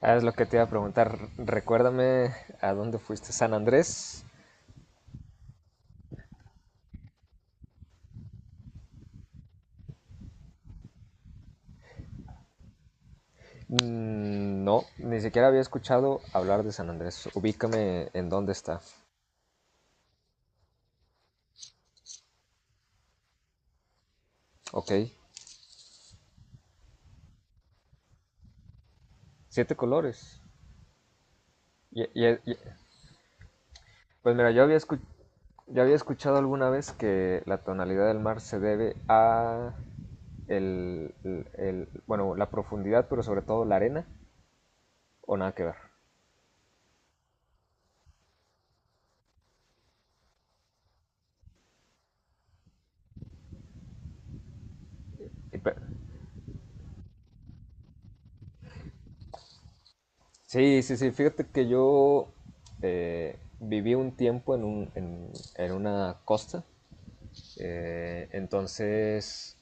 Ah, es lo que te iba a preguntar. Recuérdame a dónde fuiste. ¿San Andrés? Mm, no, ni siquiera había escuchado hablar de San Andrés. Ubícame en dónde está. Ok. Siete colores. Y, y- y- pues mira, yo había escuchado alguna vez que la tonalidad del mar se debe a bueno, la profundidad, pero sobre todo la arena, o nada que ver. Y pe- Sí, sí, sí. Fíjate que yo viví un tiempo en una costa. Entonces,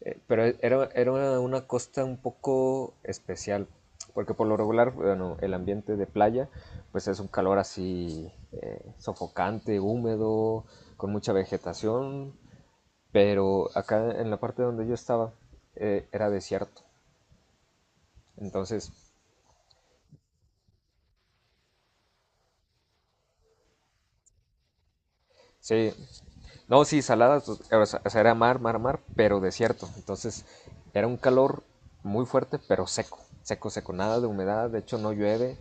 pero era una costa un poco especial. Porque por lo regular, bueno, el ambiente de playa, pues es un calor así, sofocante, húmedo, con mucha vegetación. Pero acá en la parte donde yo estaba, era desierto. Entonces, sí. No, sí, salada, o sea, era mar, mar, mar, pero desierto. Entonces era un calor muy fuerte, pero seco, seco, seco, nada de humedad. De hecho, no llueve,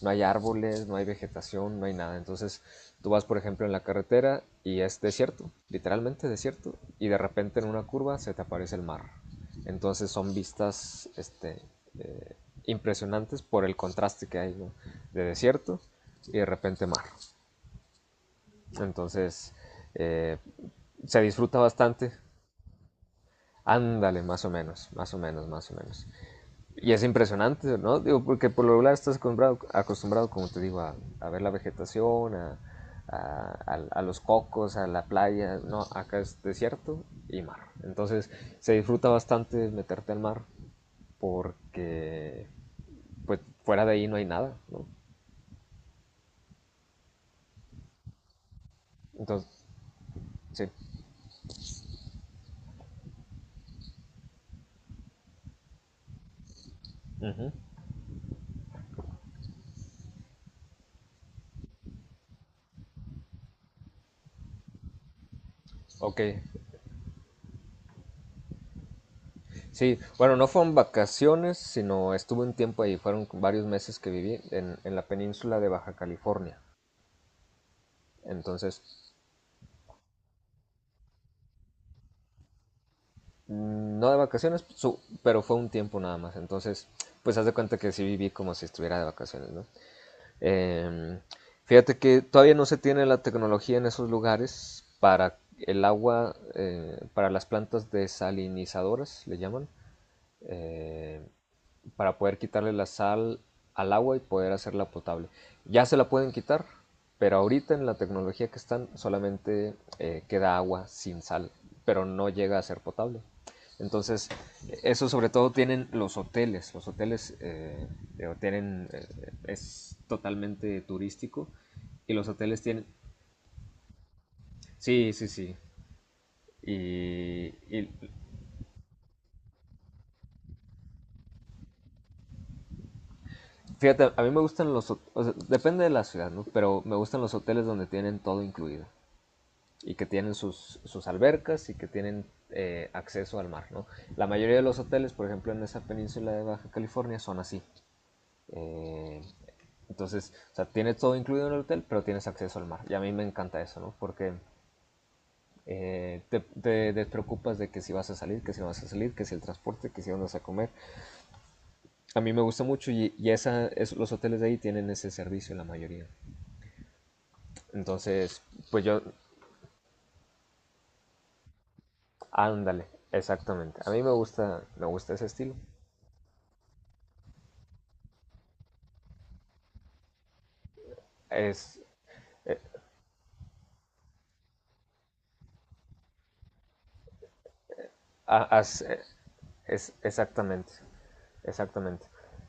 no hay árboles, no hay vegetación, no hay nada. Entonces tú vas, por ejemplo, en la carretera y es desierto, literalmente desierto, y de repente en una curva se te aparece el mar. Entonces son vistas, este, eh, impresionantes, por el contraste que hay, ¿no? De desierto y de repente mar. Entonces, eh, se disfruta bastante. Ándale, más o menos, más o menos, más o menos. Y es impresionante, ¿no? Digo, porque por lo regular estás acostumbrado, como te digo, a ver la vegetación, a los cocos, a la playa. No, acá es desierto y mar. Entonces, se disfruta bastante meterte al mar porque, pues, fuera de ahí no hay nada, ¿no? Entonces, sí. Uh -huh. Ok, sí, bueno, no fueron vacaciones, sino estuve un tiempo ahí, fueron varios meses que viví en la península de Baja California. Entonces, no de vacaciones, pero fue un tiempo nada más. Entonces, pues haz de cuenta que sí viví como si estuviera de vacaciones, ¿no? Em, Fíjate que todavía no se tiene la tecnología en esos lugares para el agua, para las plantas desalinizadoras, le llaman. Eh, para poder quitarle la sal al agua y poder hacerla potable. Ya se la pueden quitar, pero ahorita en la tecnología que están, solamente queda agua sin sal, pero no llega a ser potable. Entonces, eso sobre todo tienen los hoteles. Los hoteles, tienen, es totalmente turístico, y los hoteles tienen... Sí, sí, sí. Y, y fíjate, a mí me gustan o sea, depende de la ciudad, ¿no? Pero me gustan los hoteles donde tienen todo incluido, y que tienen sus albercas y que tienen, acceso al mar, ¿no? La mayoría de los hoteles, por ejemplo, en esa península de Baja California son así. Eh, entonces, o sea, tienes todo incluido en el hotel, pero tienes acceso al mar. Y a mí me encanta eso, ¿no? Porque te, te despreocupas de que si vas a salir, que si no vas a salir, que si el transporte, que si dónde vas a comer. A mí me gusta mucho, y los hoteles de ahí tienen ese servicio la mayoría. Entonces, pues yo, ándale, exactamente. A mí me gusta, ese estilo. Es, eh, as- eh, es exactamente, exactamente.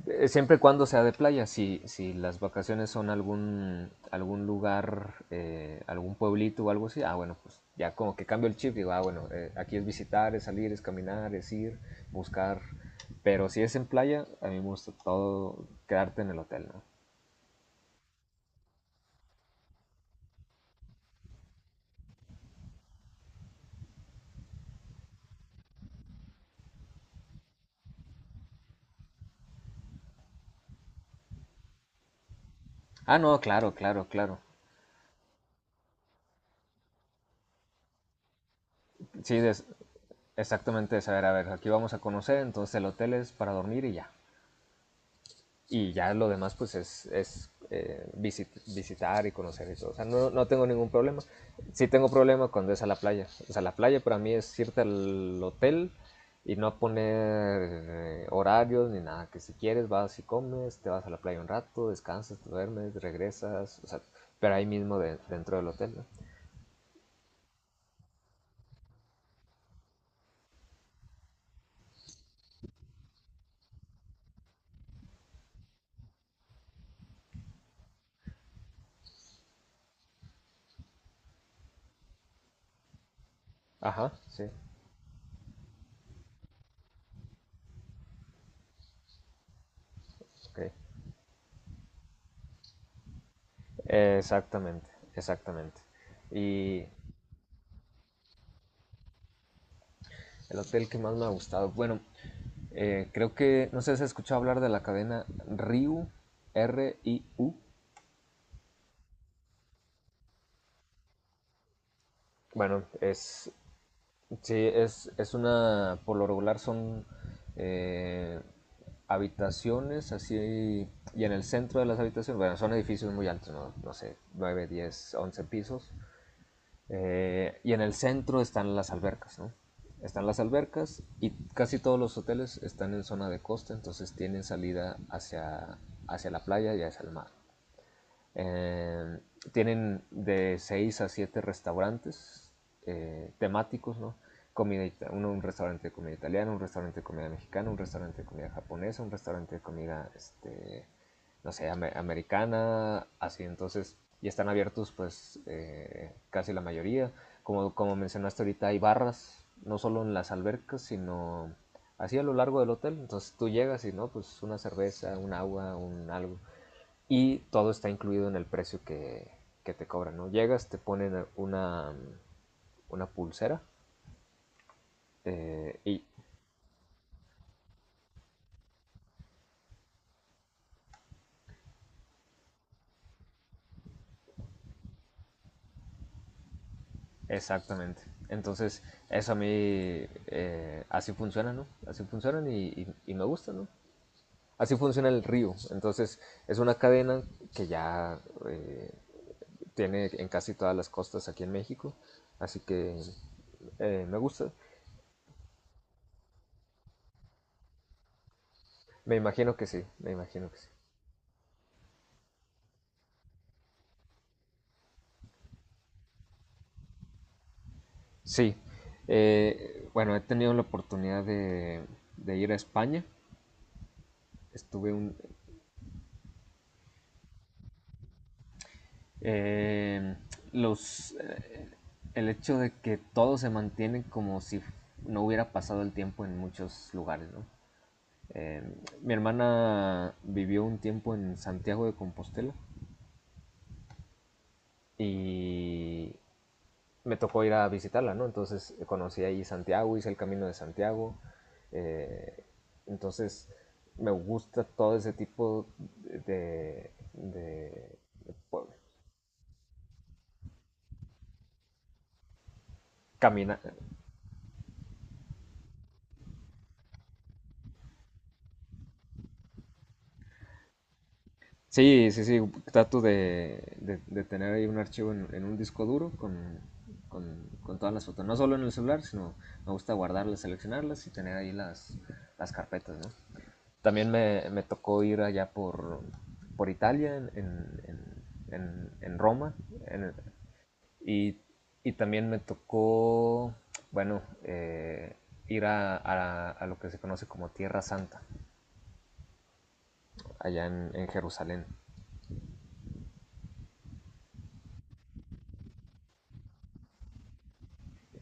Siempre y cuando sea de playa. Si, las vacaciones son algún, lugar, algún pueblito o algo así, ah, bueno, pues ya como que cambio el chip. Digo, ah, bueno, aquí es visitar, es salir, es caminar, es ir, buscar. Pero si es en playa, a mí me gusta todo quedarte en el hotel, ¿no? Ah, no, claro, claro, claro. Sí, exactamente. Es, a ver, aquí vamos a conocer, entonces el hotel es para dormir y ya. Y ya lo demás, pues es, visitar y conocer y todo. O sea, no, no, tengo ningún problema. Sí tengo problema cuando es a la playa. O sea, la playa para mí es irte al hotel y no poner, horarios ni nada. Que si quieres vas y comes, te vas a la playa un rato, descansas, te duermes, regresas. O sea, pero ahí mismo, dentro del hotel, ¿no? Ajá, sí. Okay. Exactamente, exactamente. Y el hotel que más me ha gustado, bueno, creo que, no sé si has escuchado hablar de la cadena Ryu, RIU. R I U. Bueno, sí, es una, por lo regular son, eh, habitaciones así, y en el centro de las habitaciones, bueno, son edificios muy altos, no, no sé, 9 10 11 pisos, y en el centro están las albercas, ¿no? Están las albercas y casi todos los hoteles están en zona de costa, entonces tienen salida hacia, la playa y hacia el mar. Eh, Tienen de 6 a 7 restaurantes, temáticos, ¿no? Comida, un restaurante de comida italiana, un restaurante de comida mexicana, un restaurante de comida japonesa, un restaurante de comida, este, no sé, am americana, así. Entonces, y están abiertos, pues, casi la mayoría. Como mencionaste ahorita, hay barras, no solo en las albercas, sino así a lo largo del hotel. Entonces tú llegas y, no, pues una cerveza, un agua, un algo, y todo está incluido en el precio que, te cobran, ¿no? Llegas, te ponen una, pulsera, y exactamente. Entonces, eso a mí, así funciona, ¿no? Así funcionan y, me gusta, ¿no? Así funciona el río. Entonces, es una cadena que ya, eh, tiene en casi todas las costas aquí en México. Así que, me gusta. Me imagino que sí, me imagino que sí. Sí, bueno, he tenido la oportunidad de, ir a España. Estuve un... eh, los... eh, el hecho de que todo se mantiene como si no hubiera pasado el tiempo en muchos lugares, ¿no? Eh, Mi hermana vivió un tiempo en Santiago de Compostela y me tocó ir a visitarla, ¿no? Entonces, conocí ahí Santiago, hice el camino de Santiago. eh, entonces me gusta todo ese tipo de, de- de po- caminar. Sí, sí, sí, trato de tener ahí un archivo en un disco duro con todas las fotos, no solo en el celular, sino me gusta guardarlas, seleccionarlas y tener ahí las, carpetas, ¿no? También me tocó ir allá por, Italia, en Roma, en el- y, también me tocó, bueno, ir a, lo que se conoce como Tierra Santa, allá en Jerusalén.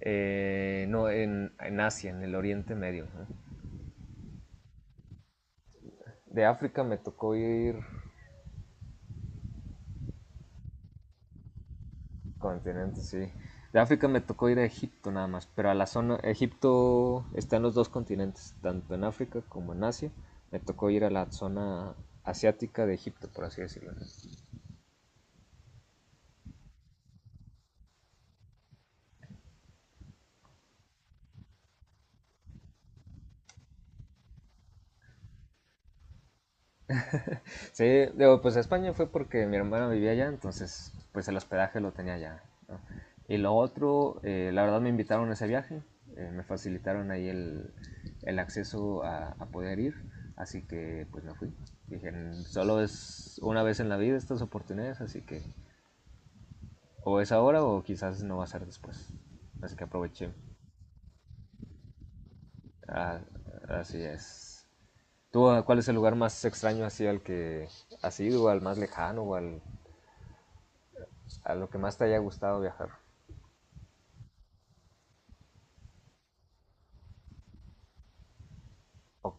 No, en Asia, en el Oriente Medio, ¿no? De África me tocó ir. Continente, sí. De África me tocó ir a Egipto nada más, pero a la zona, Egipto está en los dos continentes, tanto en África como en Asia. Me tocó ir a la zona asiática de Egipto, por así decirlo. Sí, digo, pues a España fue porque mi hermana vivía allá, entonces pues el hospedaje lo tenía allá, ¿no? Y lo otro, la verdad me invitaron a ese viaje, me facilitaron ahí el acceso a poder ir, así que pues me fui. Dije, solo es una vez en la vida estas oportunidades, así que o es ahora o quizás no va a ser después. Así que aproveché. Ah, así es. ¿Tú, cuál es el lugar más extraño así al que has ido, o al más lejano, a lo que más te haya gustado viajar? O-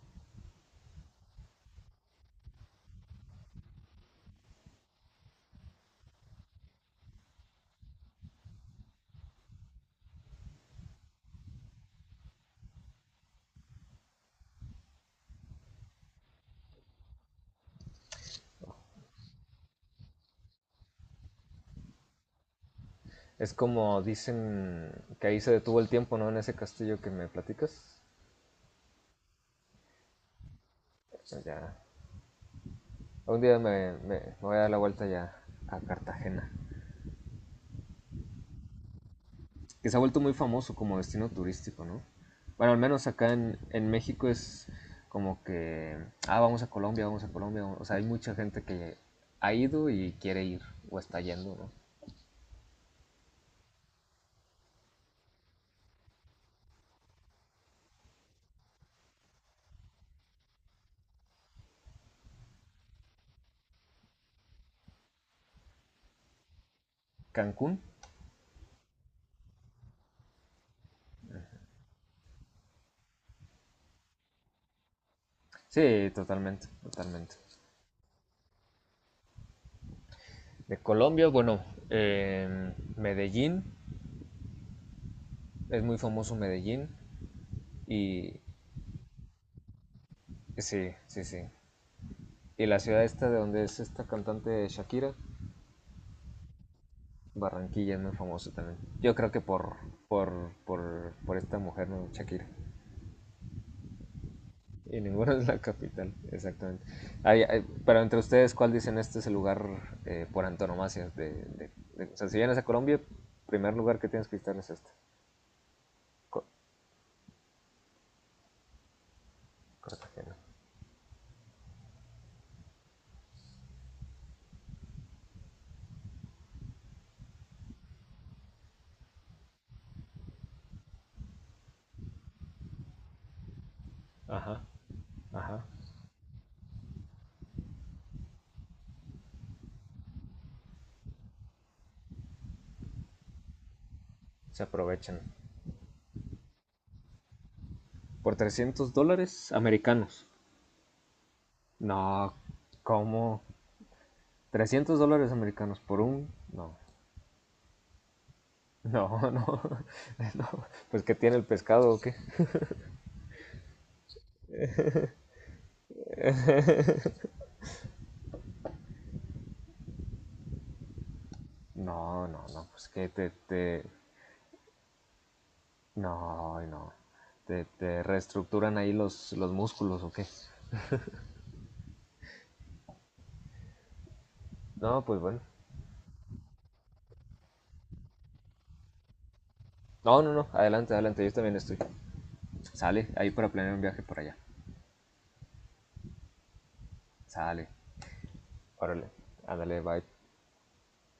es como dicen que ahí se detuvo el tiempo, ¿no? En ese castillo que me platicas. Ya. Un día me voy a dar la vuelta ya a Cartagena. Que se ha vuelto muy famoso como destino turístico, ¿no? Bueno, al menos acá en México es como que, ah, vamos a Colombia, o sea, hay mucha gente que ha ido y quiere ir o está yendo, ¿no? Cancún, sí, totalmente, totalmente. De Colombia, bueno, Medellín, es muy famoso Medellín. Y sí, sí, sí. Y la ciudad esta de donde es esta cantante Shakira, Barranquilla, es muy famoso también. Yo creo que por, esta mujer, ¿no? Shakira. Y ninguna es la capital, exactamente. Ay, ay, pero entre ustedes, ¿cuál dicen este es el lugar, por antonomasia? O sea, si vienes a Colombia, primer lugar que tienes que visitar es este. Co- Cartagena. Ajá, ajá. Se aprovechan. Por $300 americanos. No, ¿cómo? $300 americanos por un... No, no, no, no, pues qué tiene el pescado o qué. No, no, no, pues que te, no, ay, no, te reestructuran ahí los, músculos o qué. No, pues bueno. No, no, no, adelante, adelante, yo también estoy. Sale, ahí para planear un viaje por allá. Sale, órale, ándale, bye.